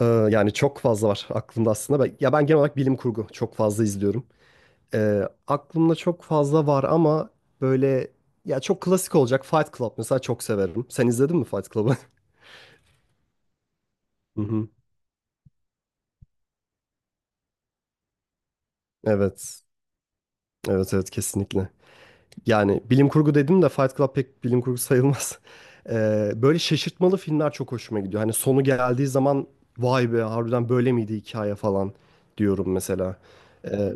Yani çok fazla var aklımda aslında. Ben genel olarak bilim kurgu çok fazla izliyorum. Ee, aklımda çok fazla var ama böyle ya çok klasik olacak Fight Club mesela çok severim. Sen izledin mi Fight Club'ı? Hı hı. Evet. Evet, evet, kesinlikle. Yani bilim kurgu dedim de Fight Club pek bilim kurgu sayılmaz. Böyle şaşırtmalı filmler çok hoşuma gidiyor. Hani sonu geldiği zaman vay be harbiden böyle miydi hikaye falan diyorum mesela. Ee,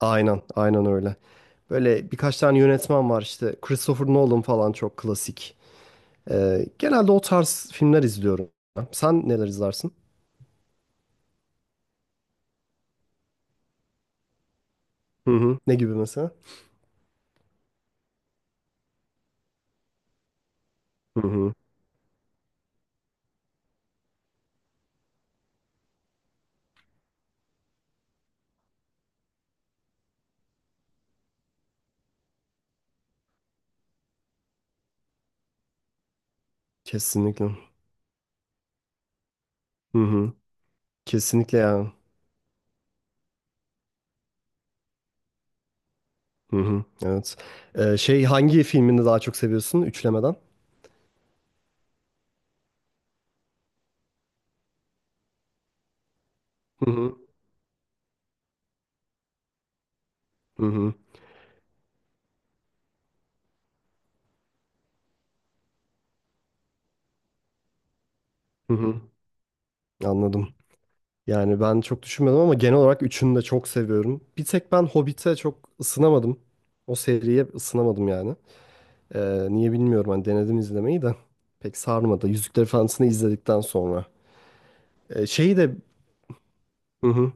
Aynen, aynen öyle. Böyle birkaç tane yönetmen var işte. Christopher Nolan falan çok klasik. Genelde o tarz filmler izliyorum. Sen neler izlersin? Hı hı. Ne gibi mesela? Hı hı. Kesinlikle. Hı hı. Kesinlikle yani. Hı hı. Evet. Şey hangi filmini daha çok seviyorsun üçlemeden? Hı hı. Hı hı. Hı hı. Anladım. Yani ben çok düşünmedim ama genel olarak üçünü de çok seviyorum. Bir tek ben Hobbit'e çok ısınamadım. O seriye ısınamadım yani. Niye bilmiyorum hani denedim izlemeyi de pek sarmadı. Yüzükler Efendisi'ni izledikten sonra. Şeyi de hı hı,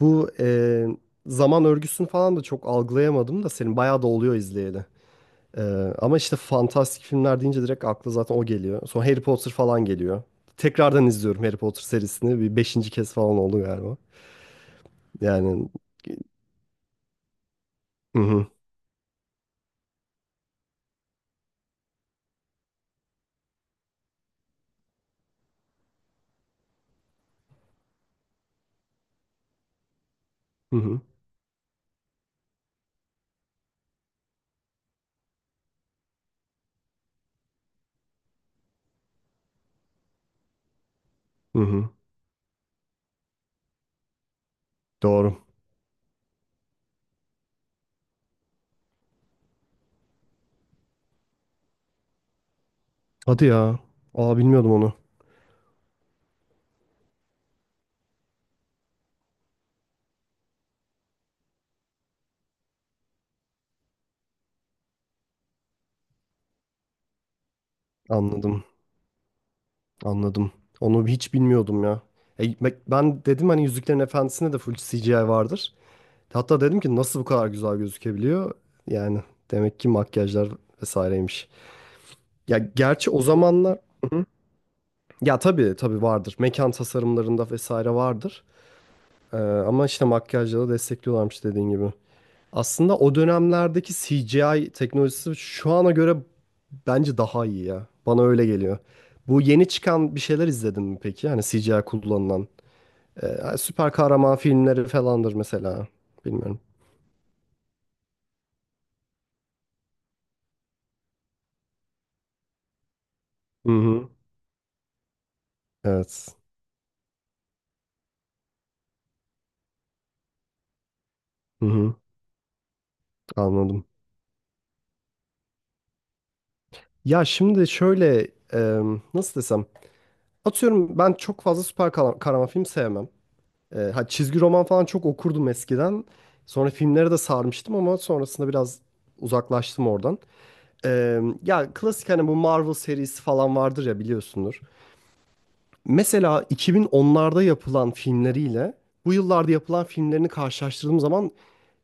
bu zaman örgüsünü falan da çok algılayamadım da senin bayağı da oluyor izleyeli. Ee, ama işte fantastik filmler deyince direkt akla zaten o geliyor. Sonra Harry Potter falan geliyor. Tekrardan izliyorum Harry Potter serisini. Bir beşinci kez falan oldu galiba. Yani hı hı, hı hı, hı hı. Doğru. Hadi ya. Aa, bilmiyordum onu. Anladım. Anladım. Onu hiç bilmiyordum ya. Bak ben dedim hani Yüzüklerin Efendisi'nde de full CGI vardır. Hatta dedim ki nasıl bu kadar güzel gözükebiliyor? Yani demek ki makyajlar vesaireymiş. Ya gerçi o zamanlar. Hı hı. Ya tabii, tabii vardır. Mekan tasarımlarında vesaire vardır. Ama işte makyajla da destekliyorlarmış dediğin gibi. Aslında o dönemlerdeki CGI teknolojisi şu ana göre bence daha iyi ya. Bana öyle geliyor. Bu yeni çıkan bir şeyler izledin mi peki? Hani CGI kullanılan. Süper kahraman filmleri falandır mesela. Bilmiyorum. Hı hı. Evet. Hı hı. Anladım. Ya şimdi şöyle e, nasıl desem. Atıyorum ben çok fazla kahraman film sevmem. Çizgi roman falan çok okurdum eskiden. Sonra filmlere de sarmıştım ama sonrasında biraz uzaklaştım oradan. E, ya klasik hani bu Marvel serisi falan vardır ya biliyorsundur. Mesela 2010'larda yapılan filmleriyle bu yıllarda yapılan filmlerini karşılaştırdığım zaman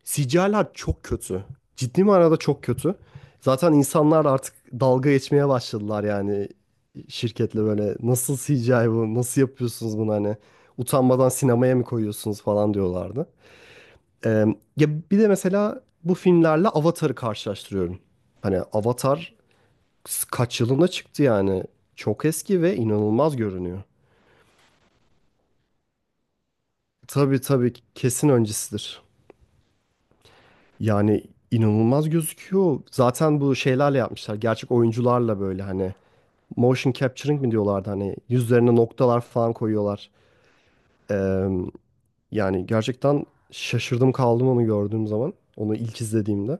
Sicalar çok kötü. Ciddi manada çok kötü. Zaten insanlar artık dalga geçmeye başladılar yani şirketle böyle nasıl CGI, bu nasıl yapıyorsunuz bunu, hani utanmadan sinemaya mı koyuyorsunuz falan diyorlardı. Ee, ya bir de mesela bu filmlerle Avatar'ı karşılaştırıyorum. Hani Avatar kaç yılında çıktı yani, çok eski ve inanılmaz görünüyor. Tabii, tabii, kesin öncesidir. Yani inanılmaz gözüküyor. Zaten bu şeylerle yapmışlar. Gerçek oyuncularla böyle hani motion capturing mi diyorlardı, hani yüzlerine noktalar falan koyuyorlar. Ee, yani gerçekten şaşırdım kaldım onu gördüğüm zaman. Onu ilk izlediğimde.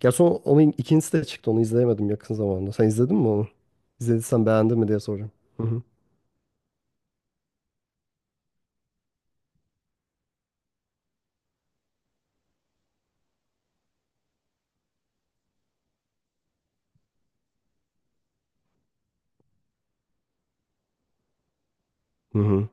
Gerçi onun ikincisi de çıktı. Onu izleyemedim yakın zamanda. Sen izledin mi onu? İzlediysen beğendin mi diye soracağım. Hı hı. Hı hı.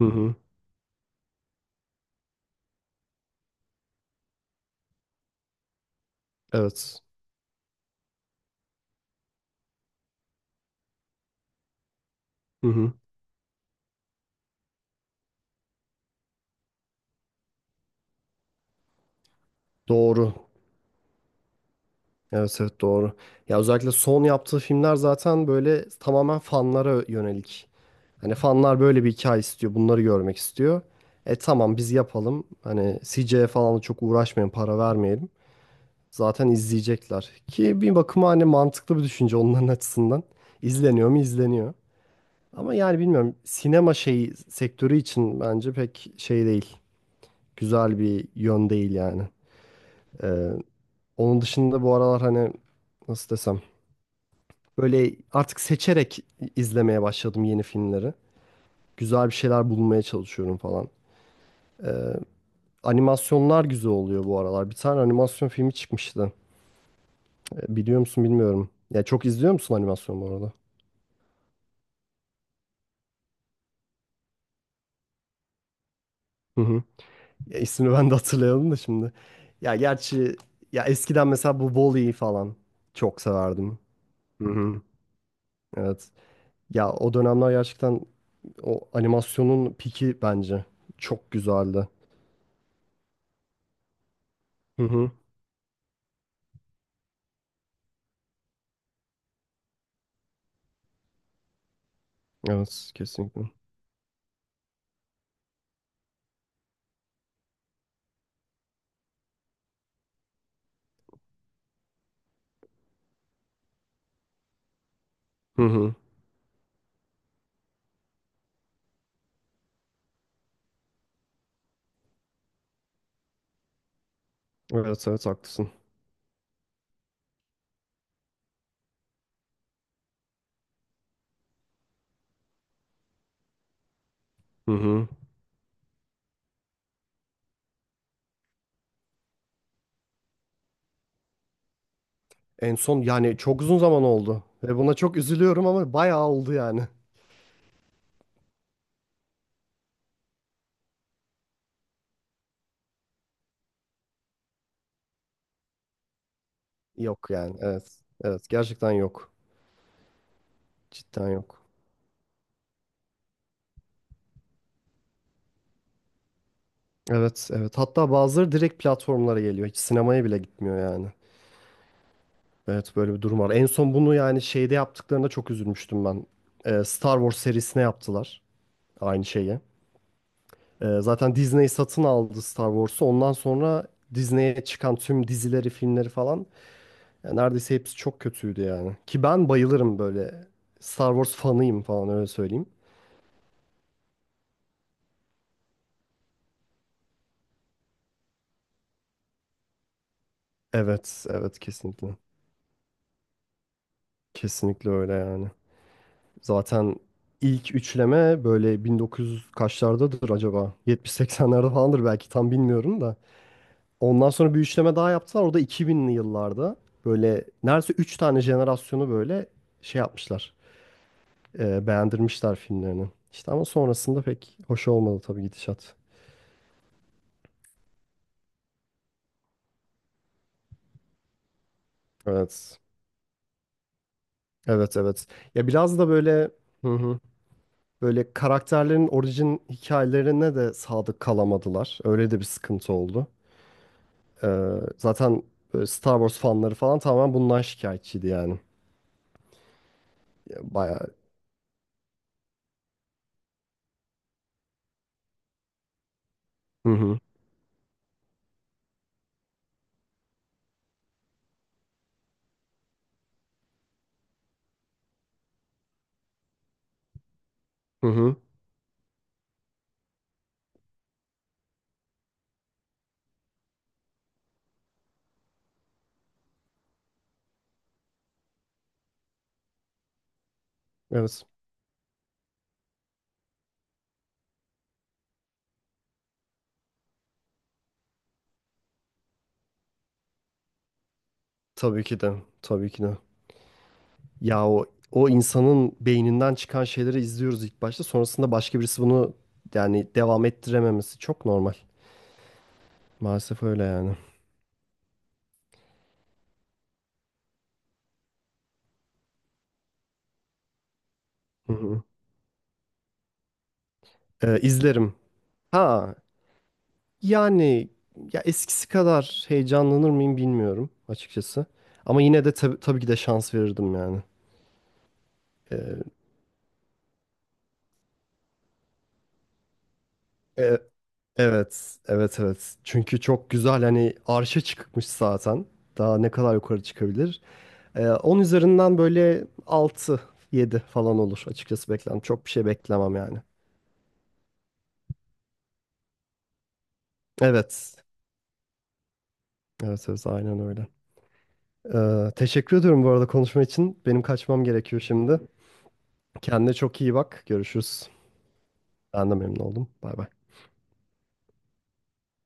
Hı hı. Evet. Hı hı. Doğru. Evet, evet, doğru. Ya özellikle son yaptığı filmler zaten böyle tamamen fanlara yönelik. Hani fanlar böyle bir hikaye istiyor. Bunları görmek istiyor. E tamam biz yapalım, hani CJ'ye falan da çok uğraşmayın, para vermeyelim. Zaten izleyecekler. Ki bir bakıma hani mantıklı bir düşünce onların açısından. İzleniyor mu? İzleniyor. Ama yani bilmiyorum, sinema şeyi sektörü için bence pek şey değil. Güzel bir yön değil yani. Ee, onun dışında bu aralar hani nasıl desem böyle artık seçerek izlemeye başladım yeni filmleri. Güzel bir şeyler bulmaya çalışıyorum falan. Ee, Animasyonlar güzel oluyor bu aralar. Bir tane animasyon filmi çıkmıştı. E, biliyor musun bilmiyorum. Ya çok izliyor musun animasyon bu arada? Hı hı. Ya ismini ben de hatırlayalım da şimdi. Ya gerçi ya eskiden mesela bu Wall-E falan çok severdim. Hı hı. Evet. Ya o dönemler gerçekten o animasyonun piki bence çok güzeldi. Hı hı. Evet, kesinlikle. Hı hı. Evet, evet, haklısın. Hı hı. En son yani çok uzun zaman oldu ve buna çok üzülüyorum ama bayağı oldu yani. Yok yani, evet. Evet, gerçekten yok. Cidden yok. Evet, evet, hatta bazıları direkt platformlara geliyor. Hiç sinemaya bile gitmiyor yani. Evet, böyle bir durum var. En son bunu yani şeyde yaptıklarında çok üzülmüştüm ben. Star Wars serisine yaptılar aynı şeyi. Zaten Disney satın aldı Star Wars'u. Ondan sonra Disney'e çıkan tüm dizileri, filmleri falan, yani neredeyse hepsi çok kötüydü yani. Ki ben bayılırım böyle, Star Wars fanıyım falan, öyle söyleyeyim. Evet, evet, kesinlikle. Kesinlikle öyle yani. Zaten ilk üçleme böyle 1900 kaçlardadır acaba? 70-80'lerde falandır, belki tam bilmiyorum da. Ondan sonra bir üçleme daha yaptılar. O da 2000'li yıllarda. Böyle neredeyse 3 tane jenerasyonu böyle şey yapmışlar, beğendirmişler filmlerini. İşte ama sonrasında pek hoş olmadı tabii gidişat. Evet. Evet, evet. Ya biraz da böyle hı hı, böyle karakterlerin orijin hikayelerine de sadık kalamadılar. Öyle de bir sıkıntı oldu. Zaten böyle Star Wars fanları falan tamamen bundan şikayetçiydi yani. Ya, bayağı. Hı hı. Hı hı. Evet. Tabii ki de. Tabii ki de. Ya o insanın beyninden çıkan şeyleri izliyoruz ilk başta. Sonrasında başka birisi bunu yani devam ettirememesi çok normal. Maalesef öyle yani. Hı hı. İzlerim. Ha yani, ya eskisi kadar heyecanlanır mıyım bilmiyorum açıkçası. Ama yine de tabii ki de şans verirdim yani. Ee, e- Evet, evet, evet. Çünkü çok güzel, hani arşa çıkmış zaten. Daha ne kadar yukarı çıkabilir? 10 üzerinden böyle 6, 7 falan olur açıkçası beklentim. Çok bir şey beklemem yani. Evet, evet, evet, aynen öyle. Teşekkür ediyorum bu arada konuşma için. Benim kaçmam gerekiyor şimdi. Kendine çok iyi bak. Görüşürüz. Ben de memnun oldum. Bay bay.